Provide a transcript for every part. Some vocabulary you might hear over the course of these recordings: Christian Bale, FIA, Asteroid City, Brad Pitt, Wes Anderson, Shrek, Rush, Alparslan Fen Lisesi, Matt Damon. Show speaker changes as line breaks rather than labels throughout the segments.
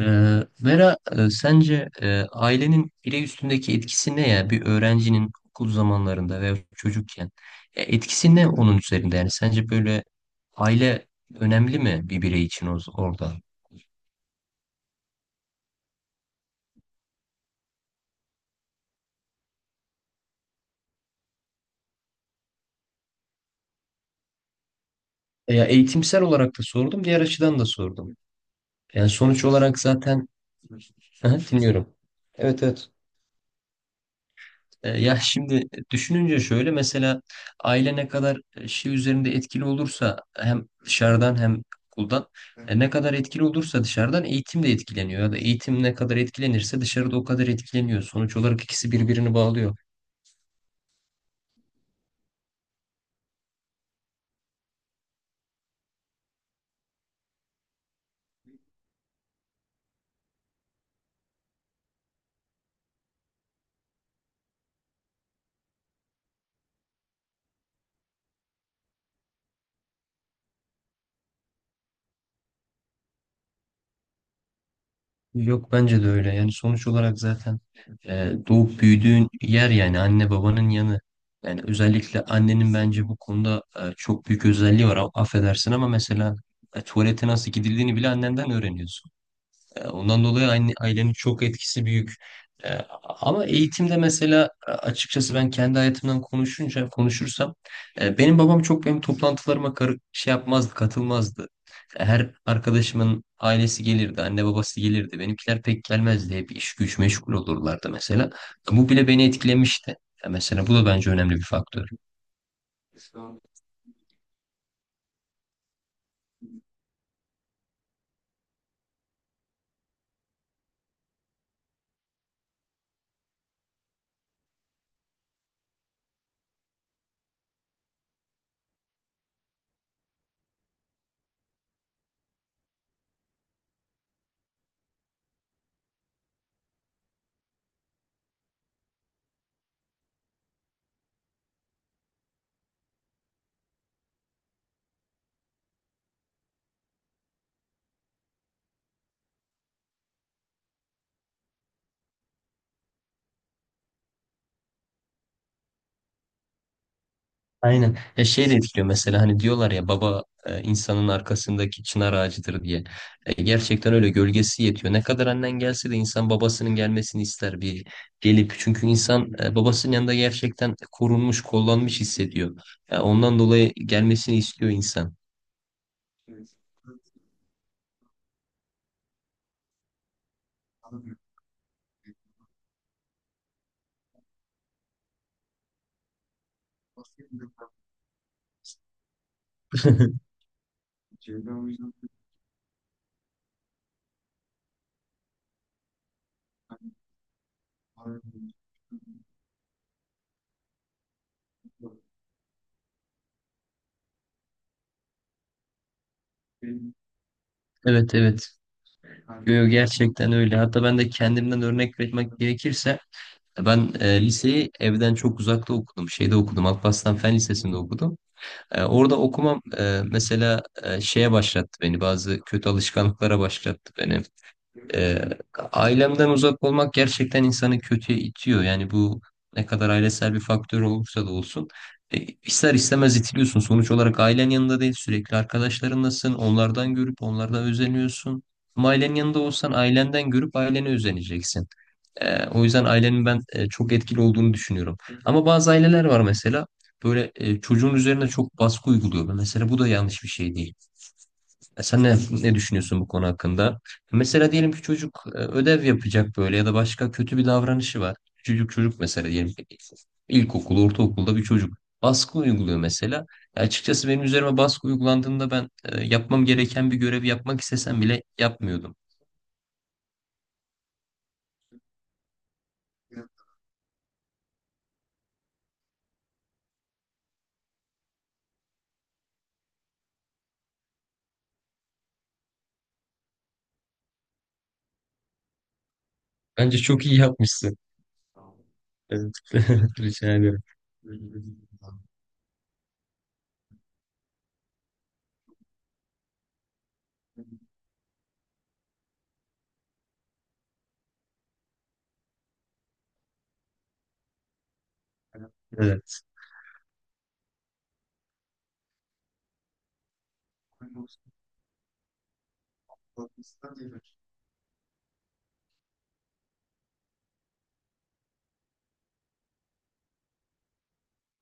Ee, Vera, sence ailenin birey üstündeki etkisi ne ya? Bir öğrencinin okul zamanlarında veya çocukken ya etkisi ne onun üzerinde? Yani sence böyle aile önemli mi bir birey için orada? Ya eğitimsel olarak da sordum, diğer açıdan da sordum. Yani sonuç olarak zaten. Aha, dinliyorum. Evet, evet. Ya şimdi düşününce şöyle mesela aile ne kadar şey üzerinde etkili olursa hem dışarıdan hem okuldan ne kadar etkili olursa dışarıdan eğitim de etkileniyor ya da eğitim ne kadar etkilenirse dışarıda o kadar etkileniyor. Sonuç olarak ikisi birbirini bağlıyor. Yok, bence de öyle yani sonuç olarak zaten doğup büyüdüğün yer yani anne babanın yanı. Yani özellikle annenin bence bu konuda çok büyük özelliği var, affedersin ama mesela tuvalete nasıl gidildiğini bile annenden öğreniyorsun. Ondan dolayı ailenin çok etkisi büyük. E, Ama eğitimde mesela açıkçası ben kendi hayatımdan konuşursam benim babam çok benim toplantılarıma şey yapmazdı, katılmazdı. Her arkadaşımın ailesi gelirdi, anne babası gelirdi. Benimkiler pek gelmezdi. Hep iş güç meşgul olurlardı mesela. Bu bile beni etkilemişti. Mesela bu da bence önemli bir faktör. Aynen. Ya şey de etkiliyor mesela, hani diyorlar ya baba insanın arkasındaki çınar ağacıdır diye. Gerçekten öyle, gölgesi yetiyor. Ne kadar annen gelse de insan babasının gelmesini ister bir gelip. Çünkü insan babasının yanında gerçekten korunmuş, kollanmış hissediyor. Ya ondan dolayı gelmesini istiyor insan. Evet, evet. Yo, yo, gerçekten öyle. Hatta ben de kendimden örnek vermek gerekirse ben liseyi evden çok uzakta okudum. Şeyde okudum. Alparslan Fen Lisesi'nde okudum. Orada okumam mesela şeye başlattı beni. Bazı kötü alışkanlıklara başlattı beni. E, Ailemden uzak olmak gerçekten insanı kötüye itiyor. Yani bu ne kadar ailesel bir faktör olursa da olsun. İster istemez itiliyorsun. Sonuç olarak ailen yanında değil. Sürekli arkadaşlarınlasın. Onlardan görüp onlardan özeniyorsun. Ama ailenin yanında olsan ailenden görüp ailene özeneceksin. O yüzden ailenin ben çok etkili olduğunu düşünüyorum. Ama bazı aileler var mesela böyle çocuğun üzerine çok baskı uyguluyor. Mesela bu da yanlış bir şey değil. Sen ne düşünüyorsun bu konu hakkında? Mesela diyelim ki çocuk ödev yapacak böyle ya da başka kötü bir davranışı var. Çocuk mesela diyelim ki ilkokul, ortaokulda bir çocuk baskı uyguluyor mesela. Açıkçası benim üzerime baskı uygulandığında ben yapmam gereken bir görevi yapmak istesem bile yapmıyordum. Bence çok iyi yapmışsın. Evet. Rica ederim. Evet.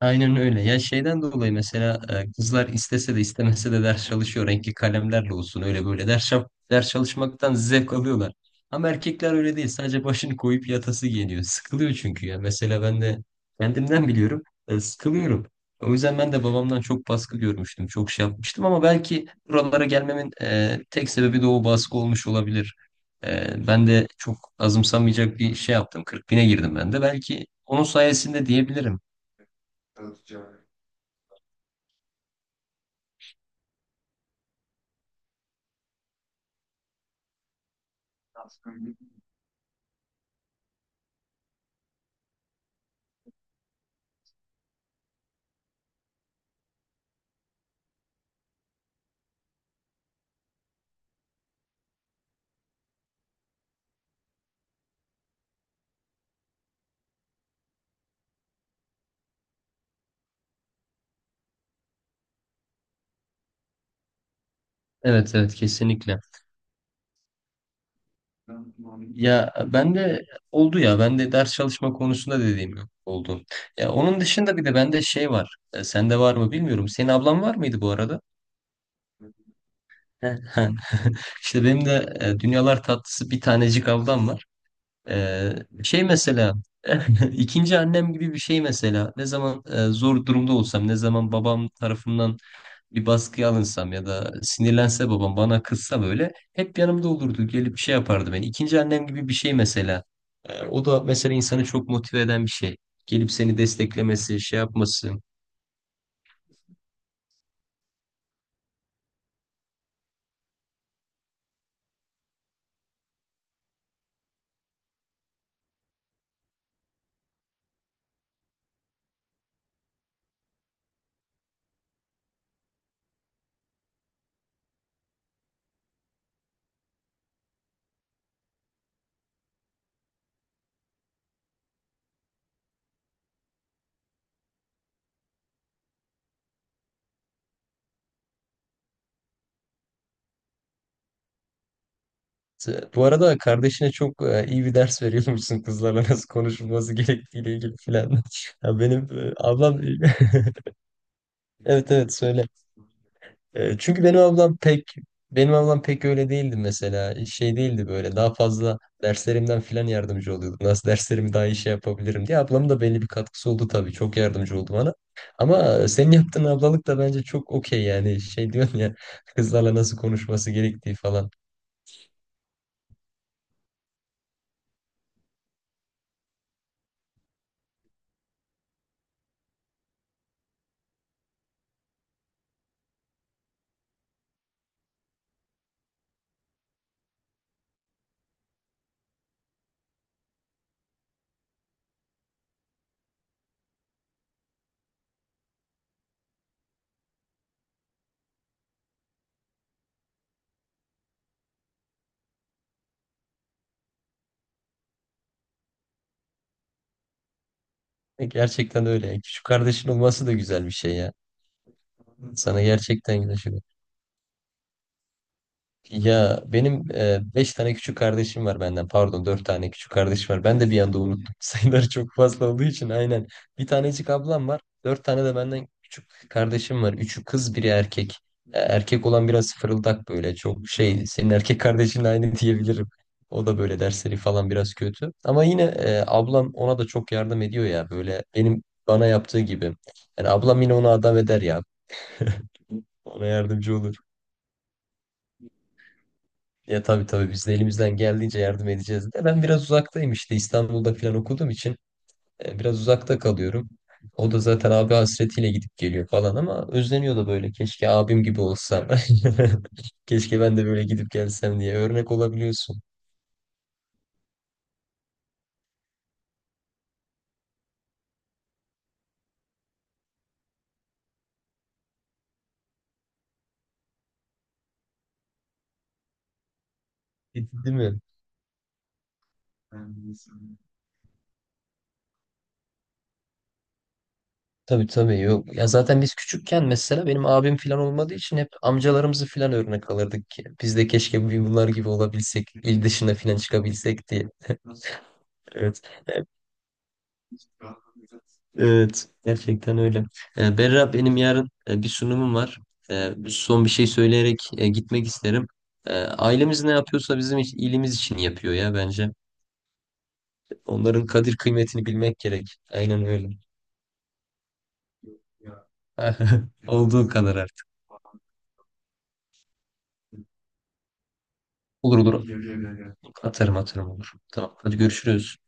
Aynen öyle. Ya şeyden dolayı mesela kızlar istese de istemese de ders çalışıyor. Renkli kalemlerle olsun öyle böyle ders çalışmaktan zevk alıyorlar. Ama erkekler öyle değil. Sadece başını koyup yatası geliyor. Sıkılıyor çünkü ya. Mesela ben de kendimden biliyorum. Sıkılıyorum. O yüzden ben de babamdan çok baskı görmüştüm. Çok şey yapmıştım ama belki buralara gelmemin tek sebebi de o baskı olmuş olabilir. Ben de çok azımsanmayacak bir şey yaptım. 40 bine girdim ben de. Belki onun sayesinde diyebilirim. Evet, evet, kesinlikle. Ya ben de oldu ya, ben de ders çalışma konusunda dediğim gibi oldu. Ya onun dışında bir de bende şey var. Sende var mı bilmiyorum. Senin ablan var mıydı bu arada? Heh, İşte benim de dünyalar tatlısı bir tanecik ablam var. E, Şey mesela ikinci annem gibi bir şey mesela. Ne zaman zor durumda olsam, ne zaman babam tarafından bir baskıya alınsam ya da sinirlense babam bana kızsa böyle hep yanımda olurdu. Gelip şey yapardı beni. İkinci annem gibi bir şey mesela. O da mesela insanı çok motive eden bir şey. Gelip seni desteklemesi, şey yapması. Bu arada kardeşine çok iyi bir ders veriyormuşsun, kızlarla nasıl konuşulması gerektiğiyle ilgili filan. Ya benim ablam evet, evet söyle. Çünkü benim ablam pek öyle değildi mesela. Şey değildi böyle. Daha fazla derslerimden filan yardımcı oluyordu. Nasıl derslerimi daha iyi şey yapabilirim diye. Ablamın da belli bir katkısı oldu tabii. Çok yardımcı oldu bana. Ama senin yaptığın ablalık da bence çok okey yani. Şey diyorsun ya, kızlarla nasıl konuşması gerektiği falan. Gerçekten öyle. Küçük kardeşin olması da güzel bir şey ya. Sana gerçekten güzel şey. Ya benim beş tane küçük kardeşim var benden. Pardon, dört tane küçük kardeşim var. Ben de bir anda unuttum. Sayıları çok fazla olduğu için, aynen. Bir tanecik ablam var. Dört tane de benden küçük kardeşim var. Üçü kız, biri erkek. Erkek olan biraz fırıldak böyle. Çok şey, senin erkek kardeşinle aynı diyebilirim. O da böyle dersleri falan biraz kötü. Ama yine ablam ona da çok yardım ediyor ya. Böyle benim bana yaptığı gibi. Yani ablam yine onu adam eder ya. Ona yardımcı olur. Ya tabii, tabii biz de elimizden geldiğince yardım edeceğiz de. Ben biraz uzaktayım işte, İstanbul'da falan okuduğum için biraz uzakta kalıyorum. O da zaten abi hasretiyle gidip geliyor falan ama özleniyor da böyle, keşke abim gibi olsam. Keşke ben de böyle gidip gelsem diye örnek olabiliyorsun. Değil mi? Tabii, tabii, yok. Ya zaten biz küçükken mesela benim abim falan olmadığı için hep amcalarımızı falan örnek alırdık ki. Biz de keşke bir bunlar gibi olabilsek, il dışına falan çıkabilsek diye. Evet. Evet, gerçekten öyle. Berra, benim yarın bir sunumum var. Son bir şey söyleyerek gitmek isterim. Ailemiz ne yapıyorsa bizim iyiliğimiz için yapıyor ya bence. Onların kadir kıymetini bilmek gerek. Aynen öyle. Olduğu kadar artık. Olur, olur. Atarım, atarım, olur. Tamam, hadi görüşürüz.